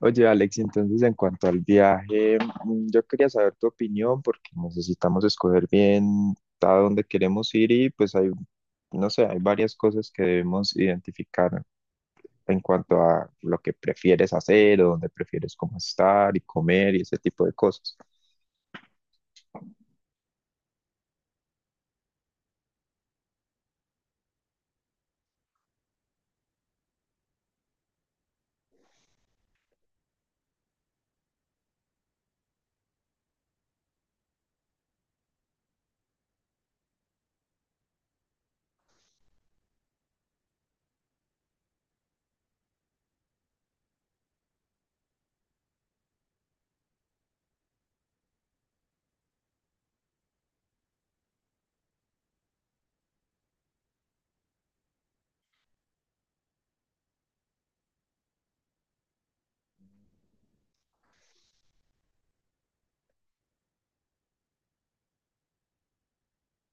Oye, Alex, entonces en cuanto al viaje, yo quería saber tu opinión porque necesitamos escoger bien a dónde queremos ir y pues hay, no sé, hay varias cosas que debemos identificar en cuanto a lo que prefieres hacer o dónde prefieres cómo estar y comer y ese tipo de cosas.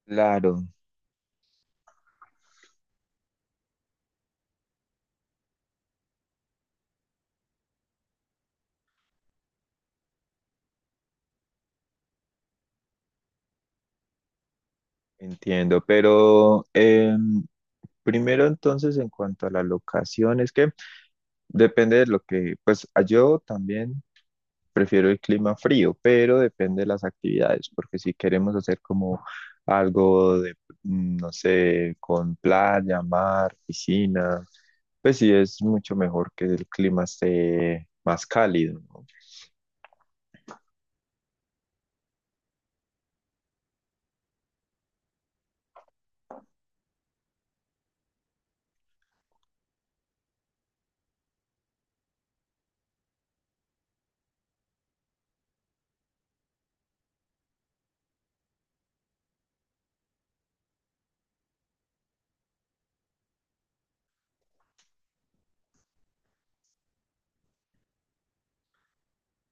Claro. Entiendo, pero primero entonces en cuanto a la locación, es que depende de lo que, pues yo también prefiero el clima frío, pero depende de las actividades, porque si queremos hacer como algo de, no sé, con playa, mar, piscina, pues sí es mucho mejor que el clima esté más cálido, ¿no?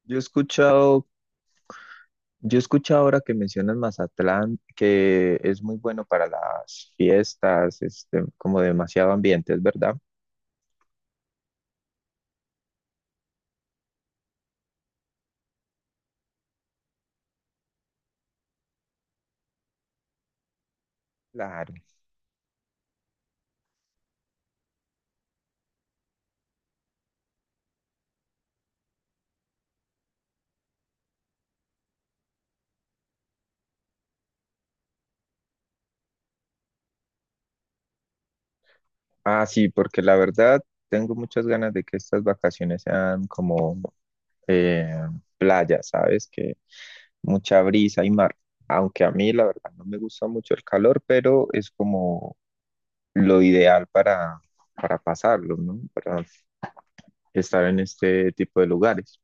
Yo he escuchado, yo he escuchado ahora que mencionas Mazatlán, que es muy bueno para las fiestas, este, como demasiado ambiente, ¿es verdad? Claro. Ah, sí, porque la verdad tengo muchas ganas de que estas vacaciones sean como eh, playa, ¿sabes? Que mucha brisa y mar. Aunque a mí la verdad no me gusta mucho el calor, pero es como lo ideal para pasarlo, ¿no? Para estar en este tipo de lugares.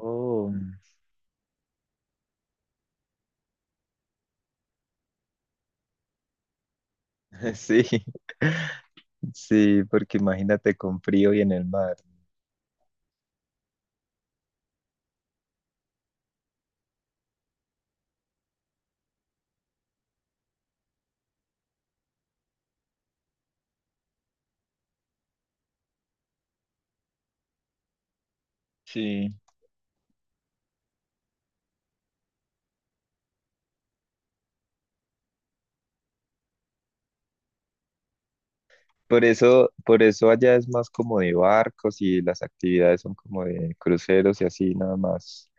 Oh. Sí, sí, porque imagínate con frío y en el mar. Sí. Por eso allá es más como de barcos y las actividades son como de cruceros y así nada más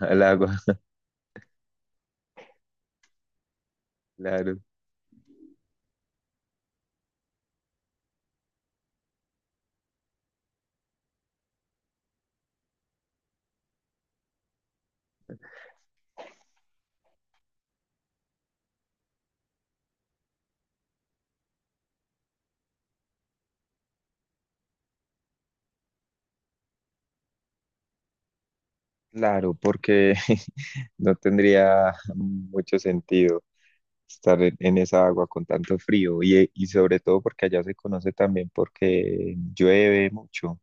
al agua. Claro, claro, porque no tendría mucho sentido. Estar en esa agua con tanto frío y sobre todo porque allá se conoce también porque llueve mucho.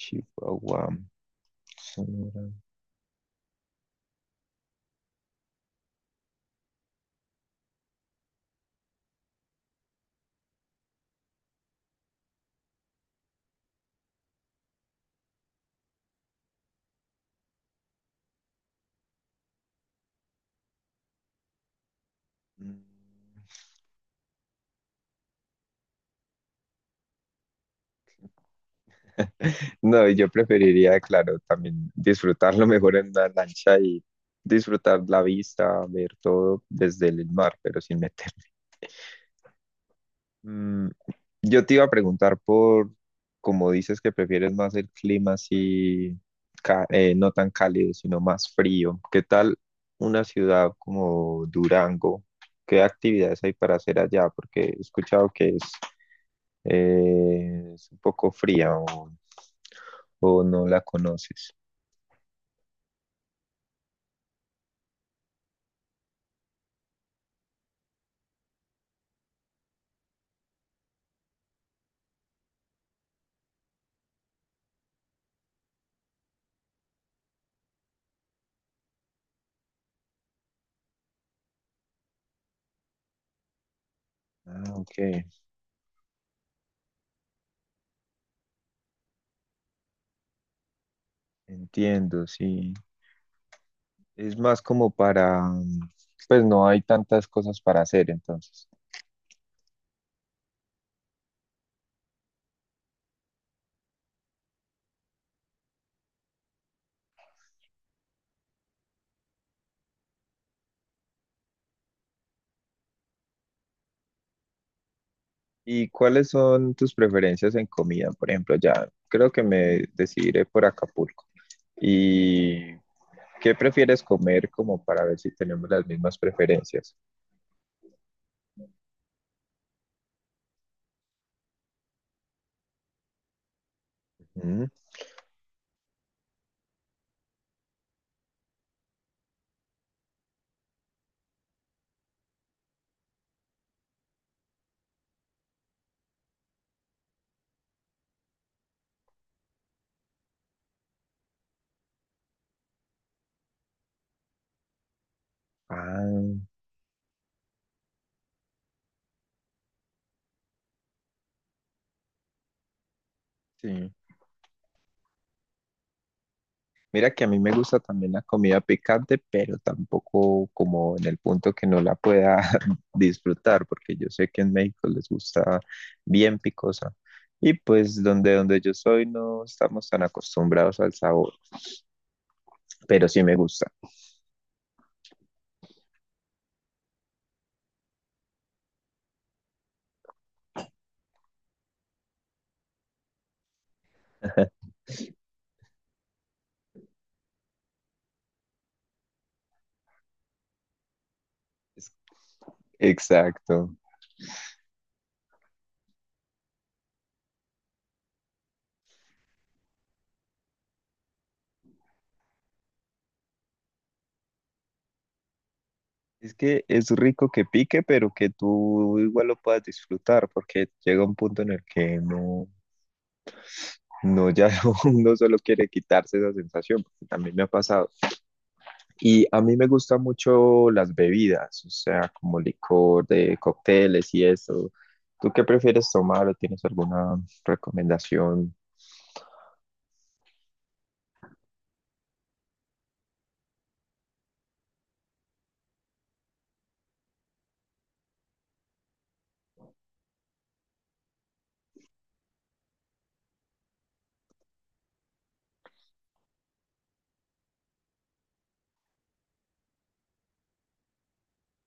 Chihuahua. Sonora. Mm. No, y yo preferiría, claro, también disfrutarlo mejor en una lancha y disfrutar la vista, ver todo desde el mar, pero sin meterme. Mm, yo te iba a preguntar por, como dices que prefieres más el clima así, no tan cálido, sino más frío. ¿Qué tal una ciudad como Durango? ¿Qué actividades hay para hacer allá? Porque he escuchado que es un poco fría o no la conoces. Ah, ok, entiendo, sí. Es más como para, pues no hay tantas cosas para hacer entonces. ¿Y cuáles son tus preferencias en comida? Por ejemplo, ya creo que me decidiré por Acapulco. ¿Y qué prefieres comer como para ver si tenemos las mismas preferencias? Mm. Ah, sí. Mira que a mí me gusta también la comida picante, pero tampoco como en el punto que no la pueda disfrutar, porque yo sé que en México les gusta bien picosa. Y pues donde, donde yo soy no estamos tan acostumbrados al sabor. Pero sí me gusta. Es, exacto. Es que es rico que pique, pero que tú igual lo puedas disfrutar, porque llega un punto en el que no, no, ya no, uno solo quiere quitarse esa sensación, porque también me ha pasado. Y a mí me gustan mucho las bebidas, o sea, como licor de cócteles y eso. ¿Tú qué prefieres tomar o tienes alguna recomendación?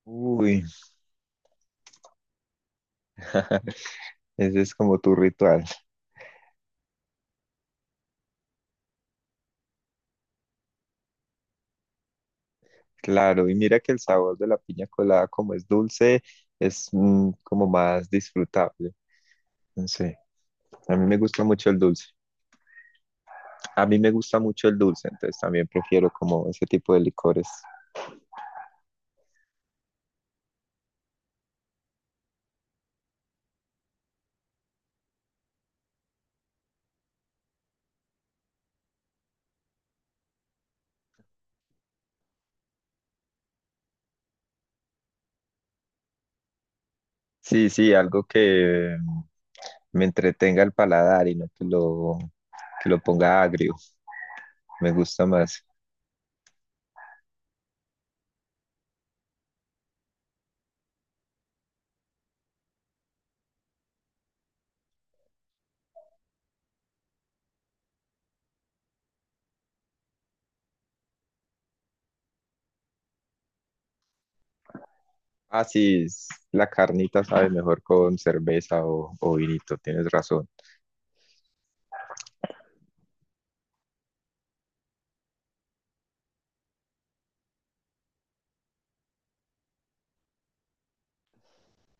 Uy, ese es como tu ritual. Claro, y mira que el sabor de la piña colada, como es dulce, es como más disfrutable. No sé, a mí me gusta mucho el dulce. A mí me gusta mucho el dulce, entonces también prefiero como ese tipo de licores. Sí, sí, algo que me entretenga el paladar y no que lo, que lo ponga agrio. Me gusta más. Ah, sí, la carnita sabe mejor con cerveza o vinito, tienes razón.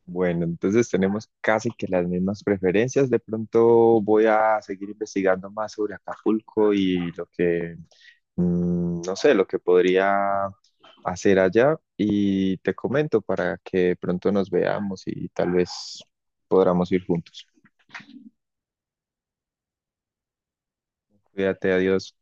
Bueno, entonces tenemos casi que las mismas preferencias. De pronto voy a seguir investigando más sobre Acapulco y lo que, mm, no sé, lo que podría hacer allá y te comento para que pronto nos veamos y tal vez podamos ir juntos. Cuídate, adiós.